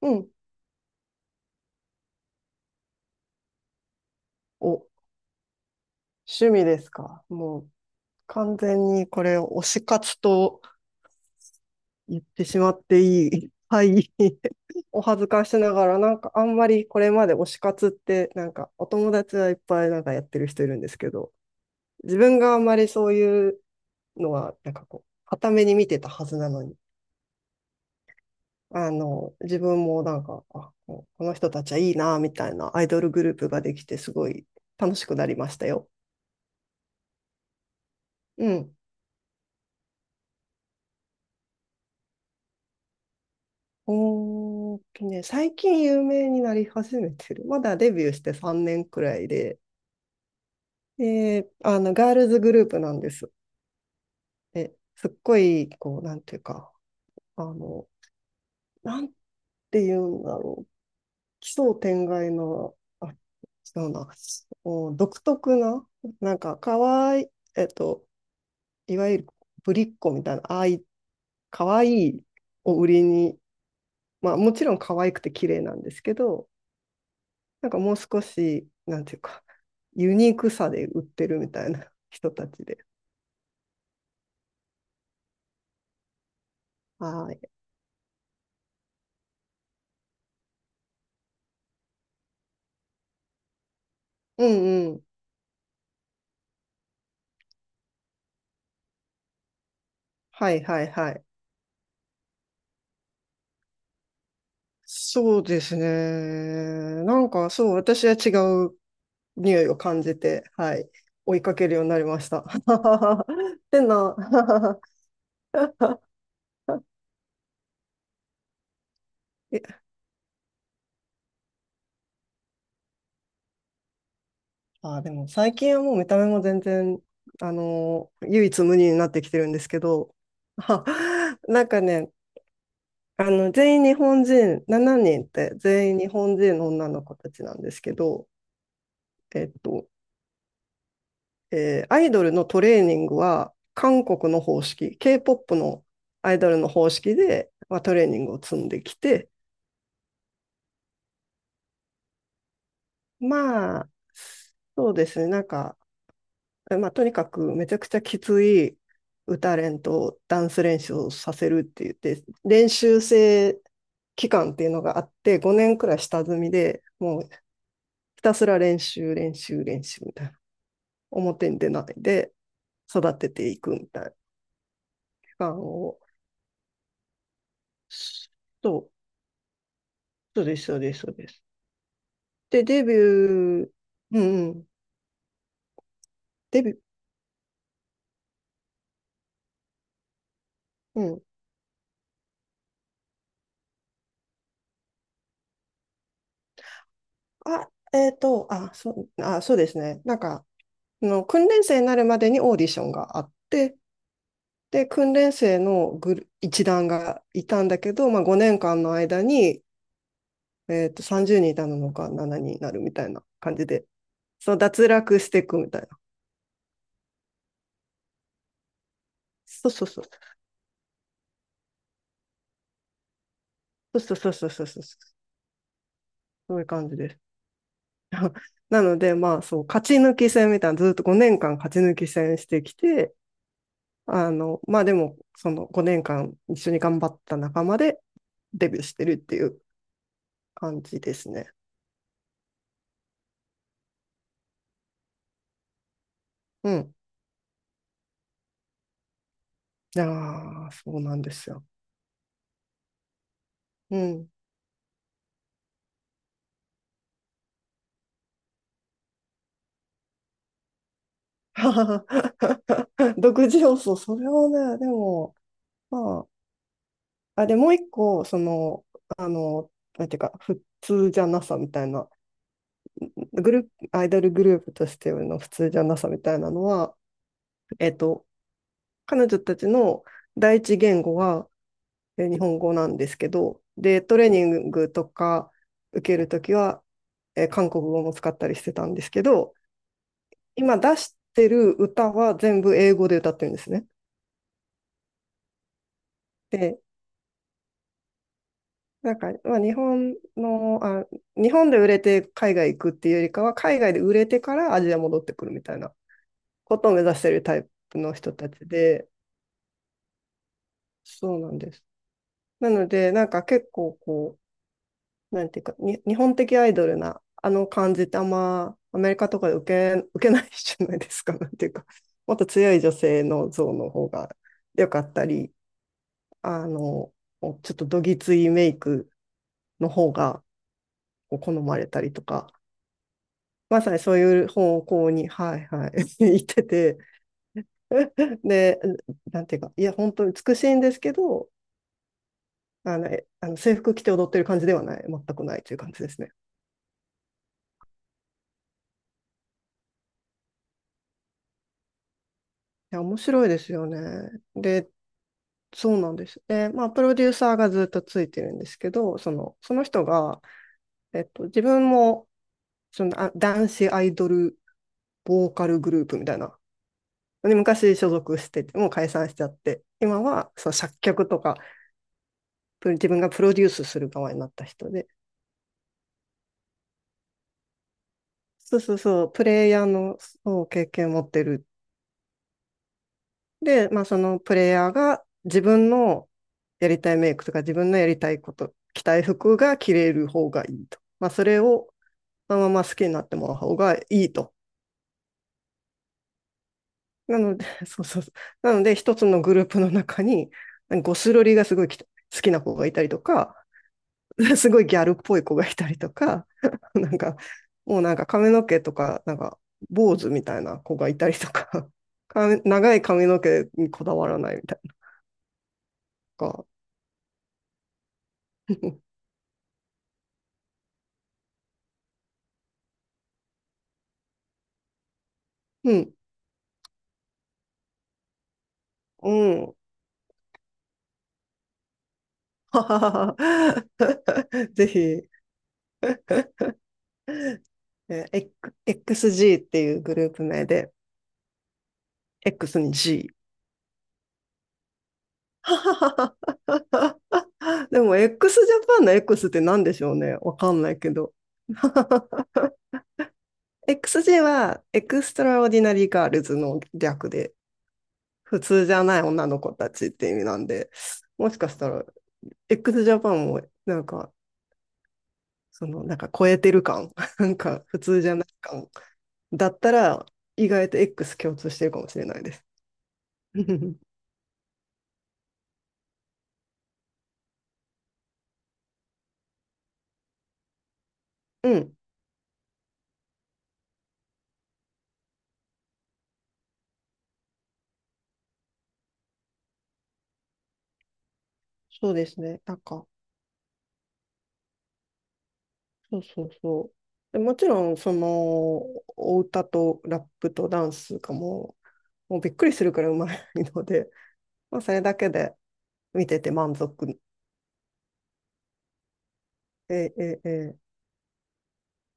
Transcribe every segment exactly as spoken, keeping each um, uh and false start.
うん。お、趣味ですか。もう完全にこれ推し活と言ってしまっていい。はい。お恥ずかしながら、なんかあんまりこれまで推し活って、なんかお友達はいっぱいなんかやってる人いるんですけど、自分があんまりそういうのは、なんかこう、傍目に見てたはずなのに、あの、自分もなんか、あ、こうこの人たちはいいな、みたいなアイドルグループができて、すごい楽しくなりましたよ。うん。うーんとね、最近有名になり始めてる。まだデビューしてさんねんくらいで、で、あの、ガールズグループなんです。で、すっごい、こう、なんていうか、あの、なんていうんだろう、奇想天外の、あ、違うな、お独特な、なんか、かわいい、えっと、いわゆるぶりっ子みたいな、ああい、かわいいを売りに、まあ、もちろん可愛くて綺麗なんですけど、なんかもう少し、なんていうか、ユニークさで売ってるみたいな人たちで。はい。うんうん。はいはいはい。そうですね。なんかそう、私は違う匂いを感じて、はい。追いかけるようになりました。ってな。えあ、でも最近はもう見た目も全然、あの唯一無二になってきてるんですけど、なんかね、あの、全員日本人、ななにんって全員日本人の女の子たちなんですけど、えっと、えーアイドルのトレーニングは韓国の方式、K-ケーポップ のアイドルの方式で、まあ、トレーニングを積んできて、まあ、そうですね、なんか、えまあ、とにかくめちゃくちゃきつい歌練とダンス練習をさせるって言って、練習生期間っていうのがあって、ごねんくらい下積みでもうひたすら練習、練習、練習みたいな。表に出ないで育てていくみたいな期間を。そう、そうです、そうです、そうです。で、デビュー、うんうん、デビュー、うん。あ、えっと、あ、そう、あ、そうですね。なんか、あの訓練生になるまでにオーディションがあって、で、訓練生のグル一団がいたんだけど、まあ、ごねんかんの間に、えっと、さんじゅうにんいたのかななにんにんになるみたいな感じで、そう脱落していくみたいな。そうそうそう。そうそうそうそうそうそう。そういう感じです。なので、まあそう、勝ち抜き戦みたいな、ずっとごねんかん勝ち抜き戦してきて、あの、まあでも、そのごねんかん一緒に頑張った仲間でデビューしてるっていう感じですね。うん。いやー、そうなんですよ。うん。独自要素、それはね、でも、まあ、あ、でもう一個、その、あの、なんていうか、普通じゃなさみたいなグループ、アイドルグループとしての普通じゃなさみたいなのは、えっと、彼女たちの第一言語は日本語なんですけど、で、トレーニングとか受けるときは、えー韓国語も使ったりしてたんですけど、今出してる歌は全部英語で歌ってるんですね。で、なんか、まあ、日本の、あ、日本で売れて海外行くっていうよりかは、海外で売れてからアジア戻ってくるみたいなことを目指してるタイプの人たちで、そうなんです。なので、なんか結構こう、なんていうか、に日本的アイドルなあの感じってあんまアメリカとかで受け、受けないじゃないですか。なんていうか、もっと強い女性の像の方が良かったり、あの、ちょっとどぎついメイクの方がこう好まれたりとか、まさにそういう方向に、はいはい、行ってて、で、なんていうか、いや、本当に美しいんですけど、あの、えあの制服着て踊ってる感じではない、全くないという感じですね。いや、面白いですよね。で、そうなんです。で、まあ、プロデューサーがずっとついてるんですけど、その、その人が、えっと、自分も、その、あ、男子アイドルボーカルグループみたいな、で昔所属してて、もう解散しちゃって、今は、そう、作曲とか、プ自分がプロデュースする側になった人で、そうそうそう、プレイヤーの、そう、経験を持ってるで、まあ、そのプレイヤーが自分のやりたいメイクとか自分のやりたいこと、着たい服が着れる方がいいと。まあ、それをそのまま好きになってもらう方がいいと。なので、そうそうそうなので、一つのグループの中に、ゴスロリがすごい好きな子がいたりとか、すごいギャルっぽい子がいたりとか、なんか、もうなんか髪の毛とか、なんか坊主みたいな子がいたりとか、か長い髪の毛にこだわらないみたいな。かうん。うん。ぜひ、えー、X- エックスジー っていうグループ名で、X に G。でも、x ジャパンの X って何でしょうね。わかんないけど。エックスジー は、エクストラオーディナリーガールズの略で、普通じゃない女の子たちって意味なんで、もしかしたら、X ジャパンも、なんか、その、なんか超えてる感、なんか普通じゃない感だったら、意外と X 共通してるかもしれないです。うん、そうですね。なんか、そうそうそう。でもちろん、その、お歌とラップとダンスがもう、もうびっくりするくらいうまいので、まあ、それだけで見てて満足。ええええ、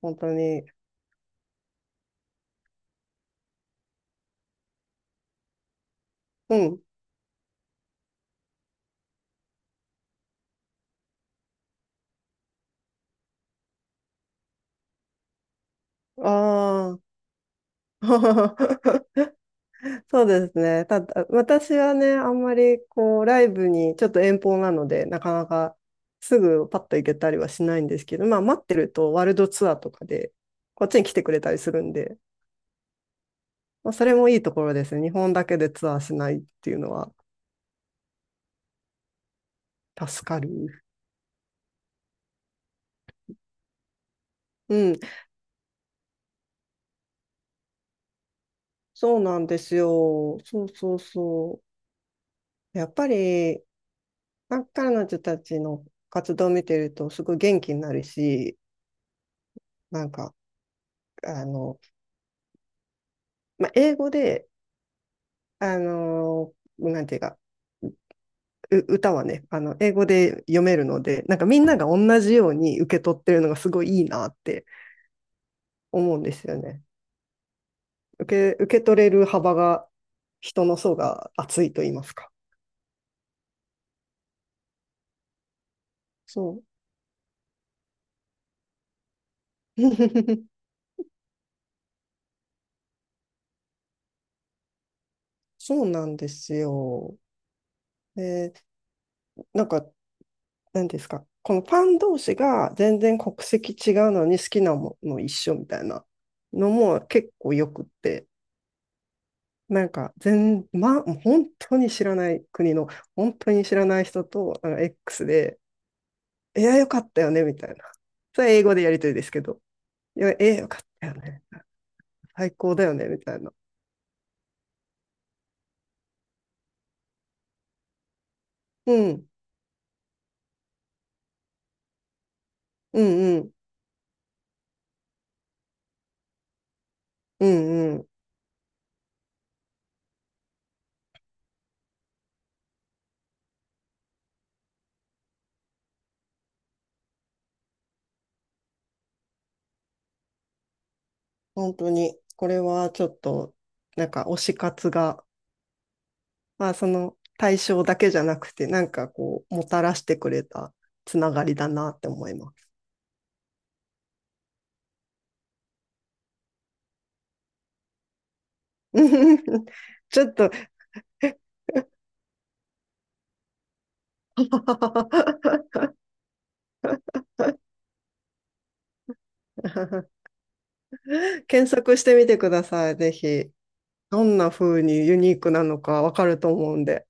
本当に、うん、ああ、そうですね。ただ、私はね、あんまりこう、ライブにちょっと遠方なので、なかなかすぐパッと行けたりはしないんですけど、まあ待ってるとワールドツアーとかで、こっちに来てくれたりするんで、まあ、それもいいところですね。日本だけでツアーしないっていうのは助かる。うん、そうなんですよ。そうそうそう。やっぱり、なんか彼女たちの活動を見てると、すごい元気になるし、なんか、あの、まあ、英語で、あのーなんていうか、う歌はね、あの、英語で読めるので、なんかみんなが同じように受け取ってるのがすごいいいなって思うんですよね。受け、受け取れる幅が、人の層が厚いと言いますか。そう。そうなんですよ。で、なんか、なんですか、このファン同士が全然国籍違うのに好きなもの一緒みたいなのも結構よくって、なんか全、ま、本当に知らない国の、本当に知らない人と、なんか X で、いや、よかったよね、みたいな。それは英語でやりとりですけど、いや、え、よかったよね。最高だよね、みたいな。うん、うん、うん、うん、うん。本当に、これはちょっと、なんか推し活が、まあ、その対象だけじゃなくて、なんかこう、もたらしてくれたつながりだなって思います。ちょっと、検索してみてください、ぜひ。どんな風にユニークなのかわかると思うんで。